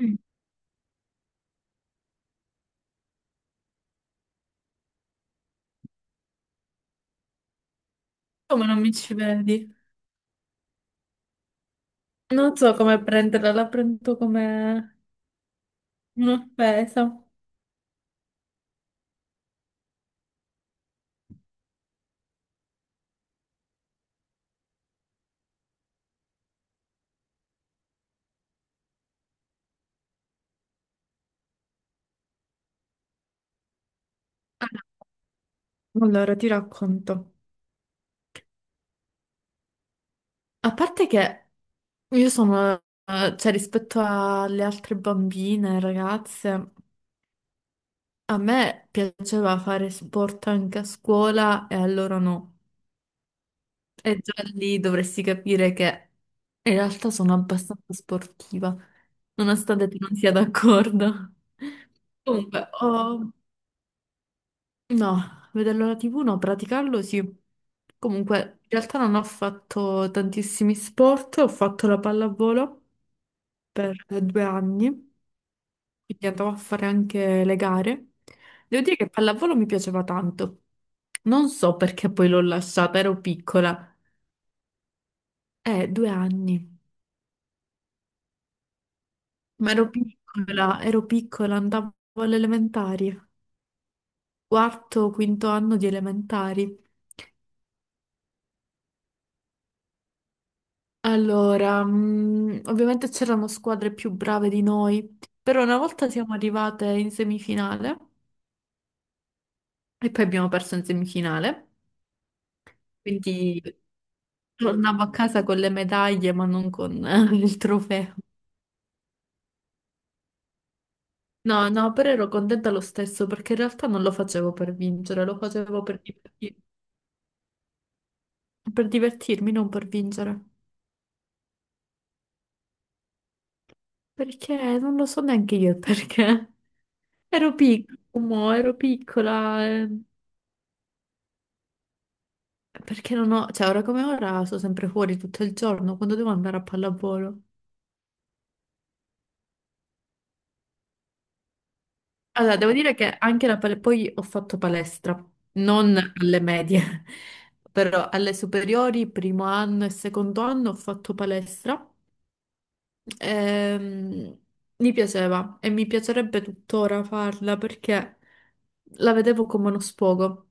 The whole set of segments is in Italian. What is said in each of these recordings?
Mm. Come non mi ci vedi? Non so come prenderla, la prendo come un'offesa. Allora, ti racconto. A parte che io sono, cioè rispetto alle altre bambine, ragazze, a me piaceva fare sport anche a scuola e a loro no. E già lì dovresti capire che in realtà sono abbastanza sportiva, nonostante tu non sia d'accordo. Comunque, ho No, vederlo alla TV no, praticarlo sì. Comunque, in realtà non ho fatto tantissimi sport, ho fatto la pallavolo per 2 anni, quindi andavo a fare anche le gare. Devo dire che pallavolo mi piaceva tanto. Non so perché poi l'ho lasciata, ero piccola. 2 anni. Ma ero piccola, andavo alle elementari, quarto, quinto anno di elementari. Allora, ovviamente c'erano squadre più brave di noi, però una volta siamo arrivate in semifinale e poi abbiamo perso in semifinale, quindi tornavo a casa con le medaglie ma non con il trofeo. No, no, però ero contenta lo stesso perché in realtà non lo facevo per vincere, lo facevo per divertirmi, non per vincere. Perché non lo so neanche io il perché. Ero piccola, ero piccola. Perché non ho, cioè ora come ora sto sempre fuori tutto il giorno quando devo andare a pallavolo. Allora, devo dire che anche poi ho fatto palestra, non alle medie, però alle superiori, primo anno e secondo anno ho fatto palestra. Ehm, mi piaceva e mi piacerebbe tuttora farla perché la vedevo come uno sfogo,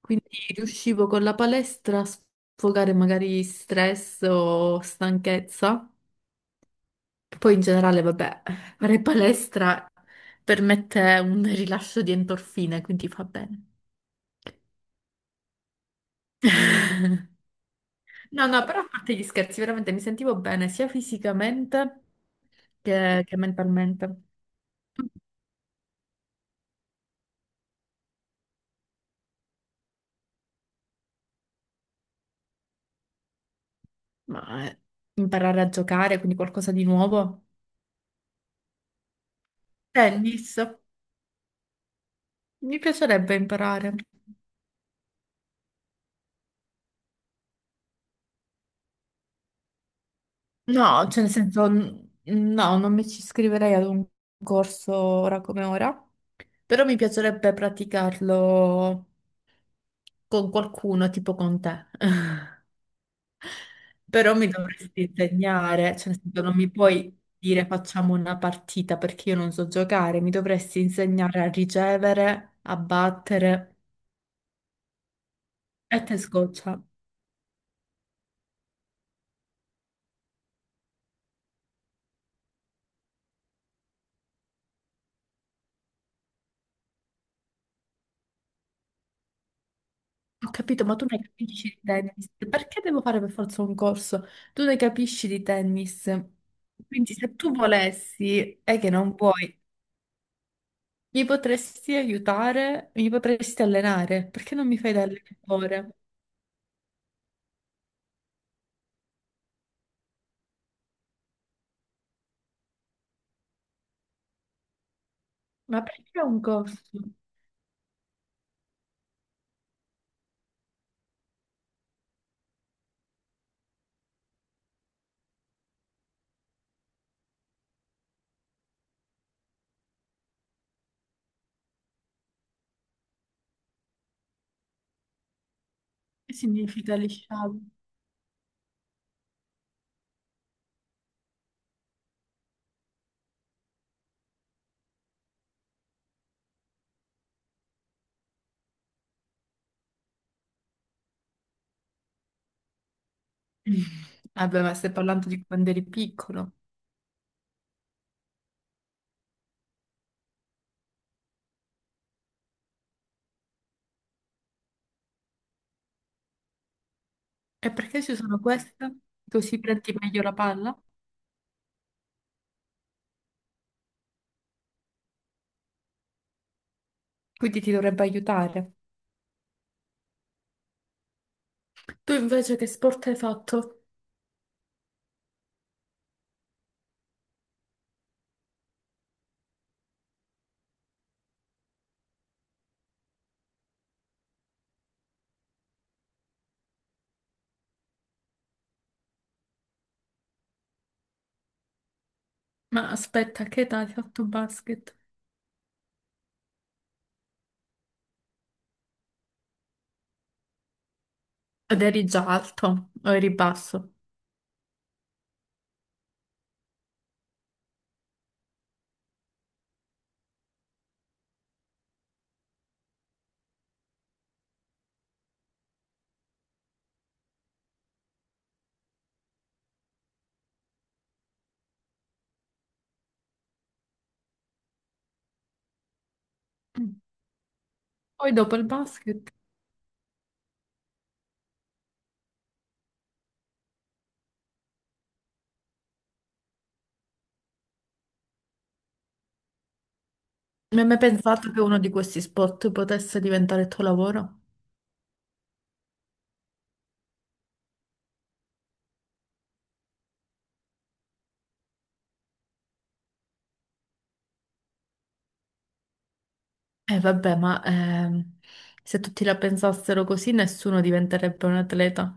quindi riuscivo con la palestra a sfogare magari stress o stanchezza. Poi in generale, vabbè, fare palestra permette un rilascio di endorfine, quindi fa bene. No, no, però a parte gli scherzi, veramente mi sentivo bene sia fisicamente che mentalmente. Ma imparare a giocare, quindi qualcosa di nuovo. Tennis, mi piacerebbe imparare. No, cioè nel senso, no, non mi ci iscriverei ad un corso ora come ora, però mi piacerebbe praticarlo con qualcuno, tipo con te. Però mi dovresti insegnare, cioè nel senso, non mi puoi dire facciamo una partita perché io non so giocare, mi dovresti insegnare a ricevere, a battere e te scoccia. Ho capito, ma tu ne capisci di tennis? Perché devo fare per forza un corso? Tu ne capisci di tennis? Quindi se tu volessi e che non vuoi, mi potresti aiutare, mi potresti allenare, perché non mi fai da allenatore? Ma perché un corso? Che significa lisciago? Vabbè, ma stai parlando di quando eri piccolo. E perché si usano questa? Così prendi meglio la palla? Quindi ti dovrebbe aiutare. Tu invece che sport hai fatto? Ma aspetta, a che età hai fatto basket? Ed eri già alto o eri basso? Mm. Poi dopo il basket, mi hai mai pensato che uno di questi sport potesse diventare il tuo lavoro? Eh vabbè, ma se tutti la pensassero così, nessuno diventerebbe un atleta.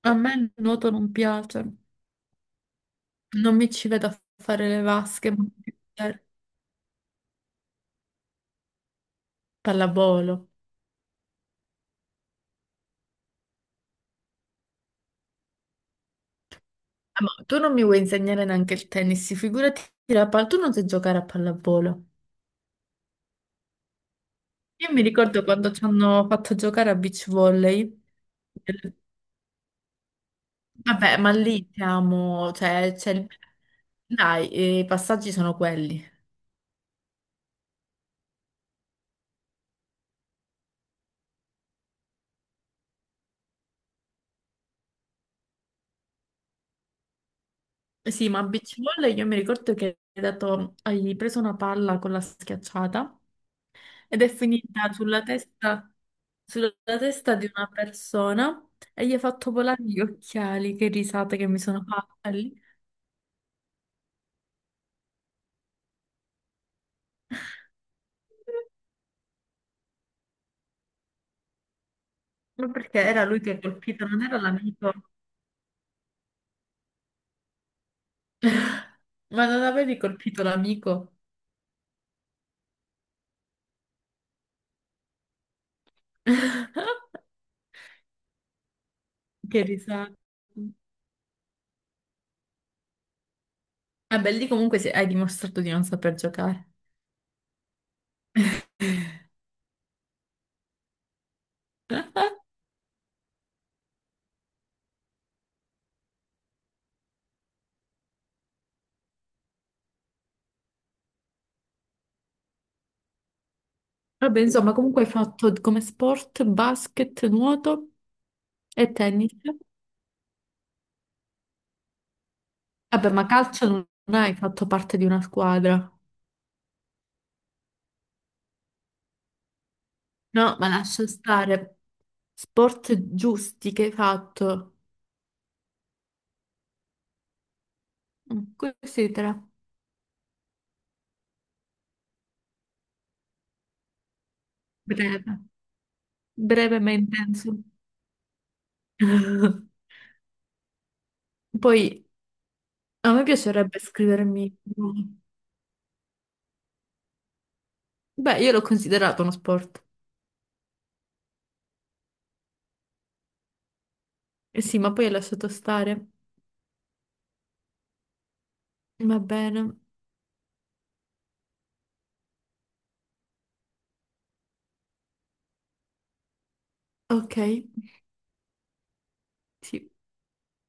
A me il nuoto non piace, non mi ci vedo a fare le vasche, ma pallavolo. Ah, ma tu non mi vuoi insegnare neanche il tennis, figurati la palla, tu non sai giocare a pallavolo. Io mi ricordo quando ci hanno fatto giocare a beach volley, eh, vabbè, ma lì siamo, cioè, c'è il- dai, i passaggi sono quelli. Sì, ma a beach volley io mi ricordo che hai preso una palla con la schiacciata ed è finita sulla testa di una persona e gli ha fatto volare gli occhiali. Che risate che mi sono fatta lì. Ma perché era lui che ha colpito, non era l'amico. Ma non avevi colpito l'amico? Che risate. Vabbè, lì comunque hai dimostrato di non saper giocare. Vabbè, insomma, comunque hai fatto come sport basket, nuoto e tennis. Vabbè, ma calcio non hai fatto parte di una squadra. No, ma lascia stare. Sport giusti che hai fatto. Mm, considera. Breve. Breve ma intenso. Poi a me piacerebbe scrivermi. Beh, io l'ho considerato uno sport. Eh sì, ma poi hai lasciato stare. Va bene. Ok, sì,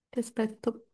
ti aspetto.